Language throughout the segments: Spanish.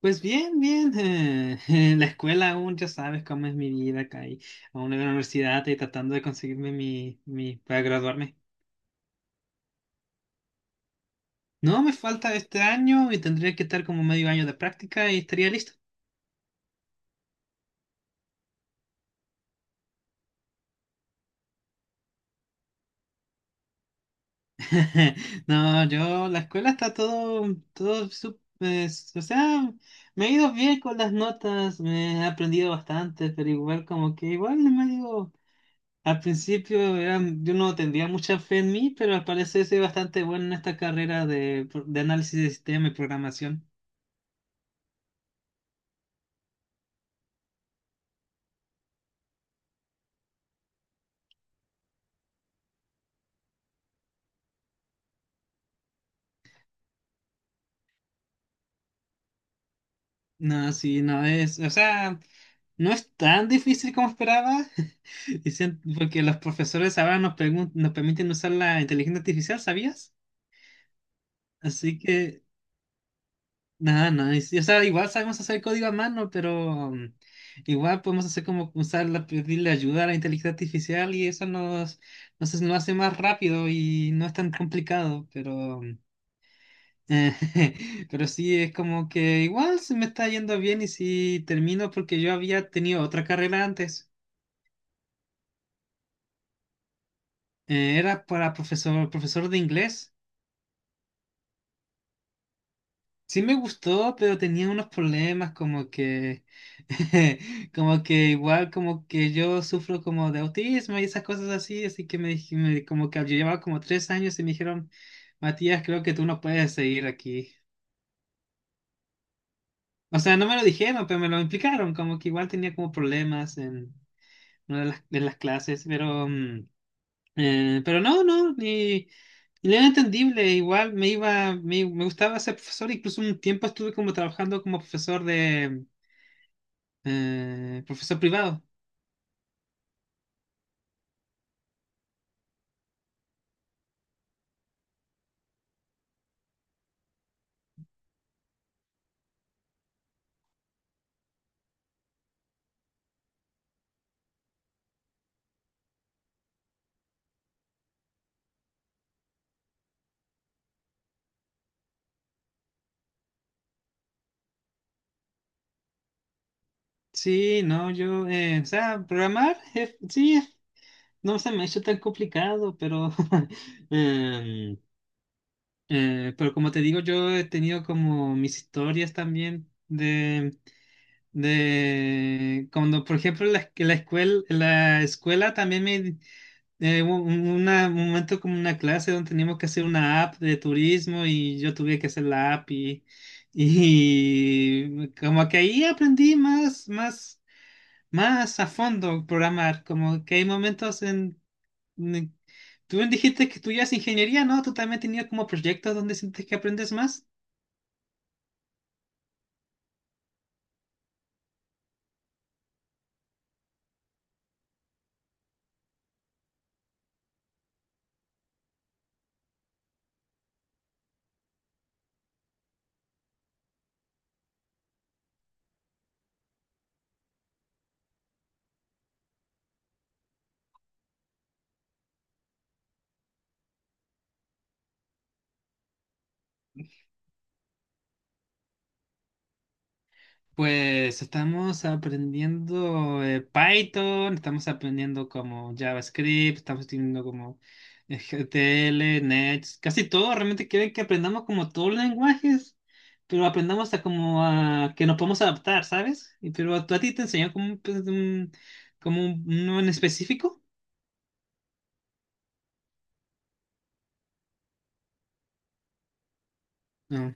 Pues bien, bien. En la escuela aún ya sabes cómo es mi vida acá y aún en la universidad y tratando de conseguirme mi para graduarme. No me falta este año y tendría que estar como medio año de práctica y estaría listo. No, yo, la escuela está todo, todo, o sea, me he ido bien con las notas, me he aprendido bastante, pero igual como que igual no me medio. Yo no tendría mucha fe en mí, pero al parecer soy bastante bueno en esta carrera de análisis de sistema y programación. No, sí, o sea, no es tan difícil como esperaba, y porque los profesores ahora nos permiten usar la inteligencia artificial, ¿sabías? Así que nada, no, es- o sea, igual sabemos hacer código a mano, pero igual podemos hacer como pedirle ayuda a la inteligencia artificial y eso nos, nos hace más rápido y no es tan complicado, pero, pero sí es como que igual se me está yendo bien y si termino, porque yo había tenido otra carrera antes. Era para profesor, profesor de inglés. Sí me gustó, pero tenía unos problemas como que, como que igual como que yo sufro como de autismo y esas cosas así, así que como que yo llevaba como tres años y me dijeron, Matías, creo que tú no puedes seguir aquí. O sea, no me lo dijeron, pero me lo implicaron, como que igual tenía como problemas en una de las clases, pero, pero no, no, ni... ni era entendible, igual me iba, me gustaba ser profesor, incluso un tiempo estuve como trabajando como profesor de... profesor privado. Sí, no, yo, o sea, programar, sí, no se me ha hecho tan complicado, pero em, pero como te digo, yo he tenido como mis historias también de cuando, por ejemplo, la escuela también me... Hubo un momento como una clase donde teníamos que hacer una app de turismo y yo tuve que hacer la app y, y como que ahí aprendí más, más, más a fondo programar, como que hay momentos en... Mm, tú bien dijiste que estudias ingeniería, ¿no? ¿Tú también tenías como proyectos donde sientes que aprendes más? Pues estamos aprendiendo Python, estamos aprendiendo como JavaScript, estamos teniendo como GTL, Nets, casi todo. Realmente quieren que aprendamos como todos los lenguajes, pero aprendamos a como a que nos podemos adaptar, ¿sabes? Y, pero a, ¿tú a ti te enseñan como un, pues, como un, uno en específico? No,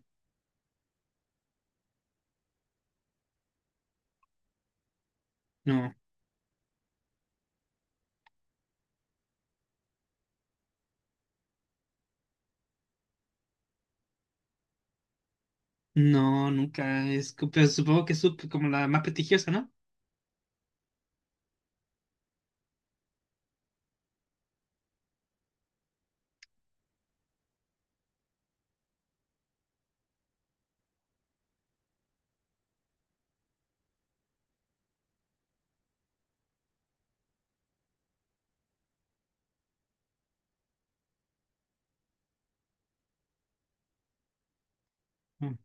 no. No, nunca. Pero supongo que es como la más prestigiosa, ¿no? Mm.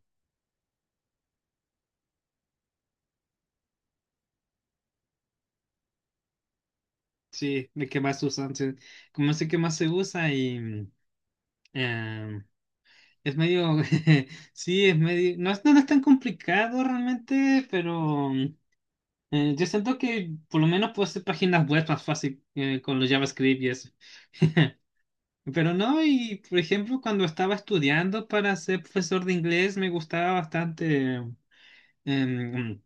Sí, de que más usan. Sí. Como sé que más se usa y eh, es medio. Sí, es medio. No es tan complicado realmente, pero yo siento que por lo menos puedo hacer páginas web más fácil con los JavaScript y eso. Pero no, y por ejemplo, cuando estaba estudiando para ser profesor de inglés, me gustaba bastante. em,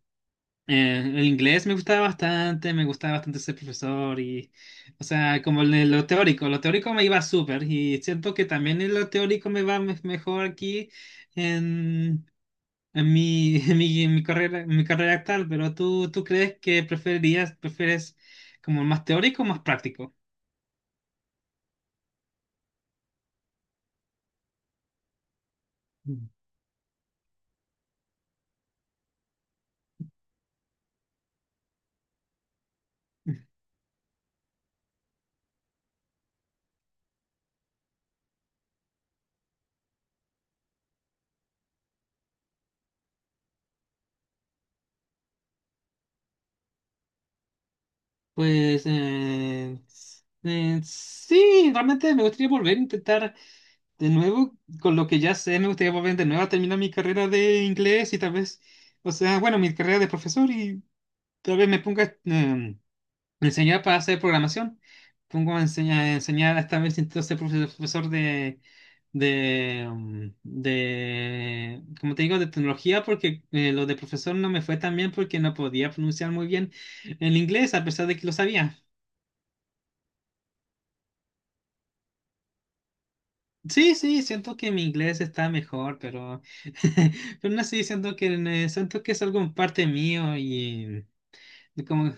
El inglés me gustaba bastante ser profesor y, o sea, como en lo teórico me iba súper y siento que también en lo teórico me va mejor aquí en, en mi, en mi carrera actual, pero ¿tú, tú crees que prefieres como más teórico o más práctico? Mm. Pues sí, realmente me gustaría volver a intentar. De nuevo, con lo que ya sé, me gustaría volver de nuevo a terminar mi carrera de inglés y tal vez, o sea, bueno, mi carrera de profesor y tal vez me ponga a enseñar para hacer programación. Pongo a enseñar, enseñar esta vez intento ser profesor de, de, como te digo, de tecnología, porque lo de profesor no me fue tan bien porque no podía pronunciar muy bien el inglés a pesar de que lo sabía. Sí, sí, siento que mi inglés está mejor, pero, pero no sé, siento que es algo en parte mío y como,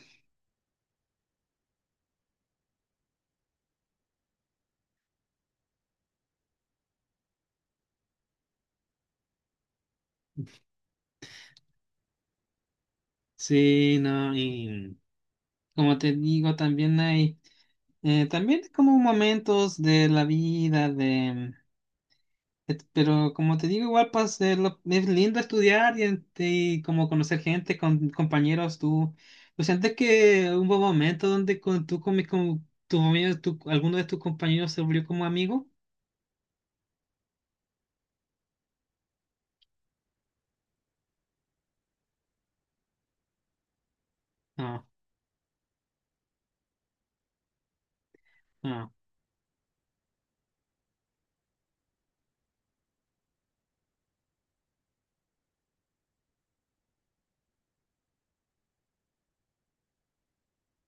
sí, no, y como te digo, también hay, también como momentos de la vida, de, pero como te digo, igual pues, es lindo estudiar y, y como conocer gente, con compañeros, tú, pues sientes que hubo un momento donde con, tú con, mis con tu, alguno de tus compañeros se volvió como amigo. ¿No? No,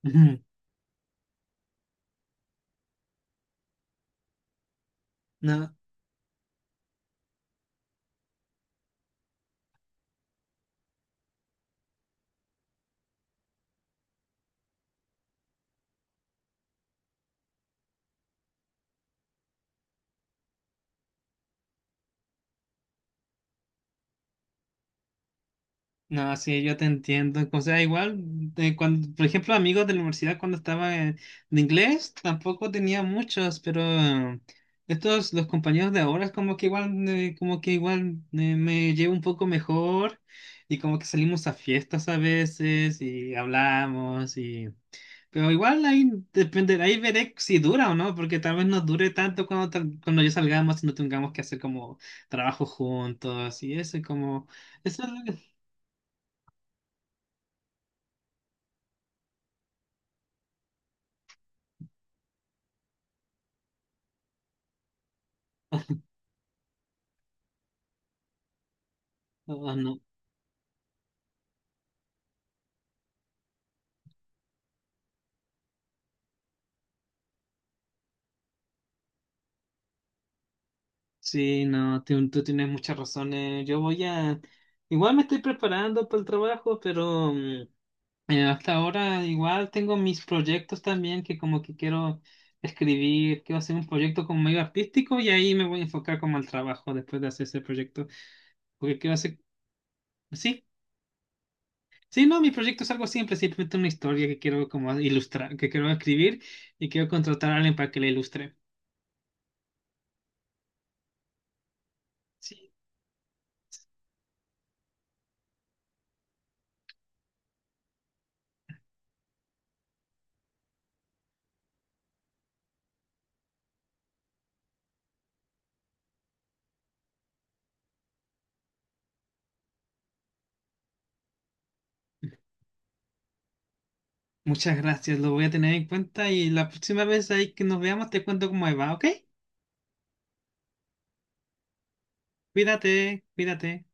no, no, sí, yo te entiendo. O sea, igual, de cuando, por ejemplo, amigos de la universidad cuando estaba en, de inglés, tampoco tenía muchos, pero estos, los compañeros de ahora, es como que igual me llevo un poco mejor y como que salimos a fiestas a veces y hablamos. Pero igual ahí dependerá, ahí veré si dura o no, porque tal vez no dure tanto cuando, cuando ya salgamos y no tengamos que hacer como trabajo juntos y eso, y como, eso es lo que... Oh, no. Sí, no, tú tienes muchas razones. Yo voy a... Igual me estoy preparando para el trabajo, pero hasta ahora igual tengo mis proyectos también que como que quiero escribir, quiero hacer un proyecto como medio artístico y ahí me voy a enfocar como al trabajo después de hacer ese proyecto, porque quiero hacer... Sí, sí, no, mi proyecto es algo simple, simplemente una historia que quiero como ilustrar, que quiero escribir y quiero contratar a alguien para que la ilustre. Sí, muchas gracias, lo voy a tener en cuenta y la próxima vez ahí que nos veamos te cuento cómo me va, ¿ok? Cuídate, cuídate.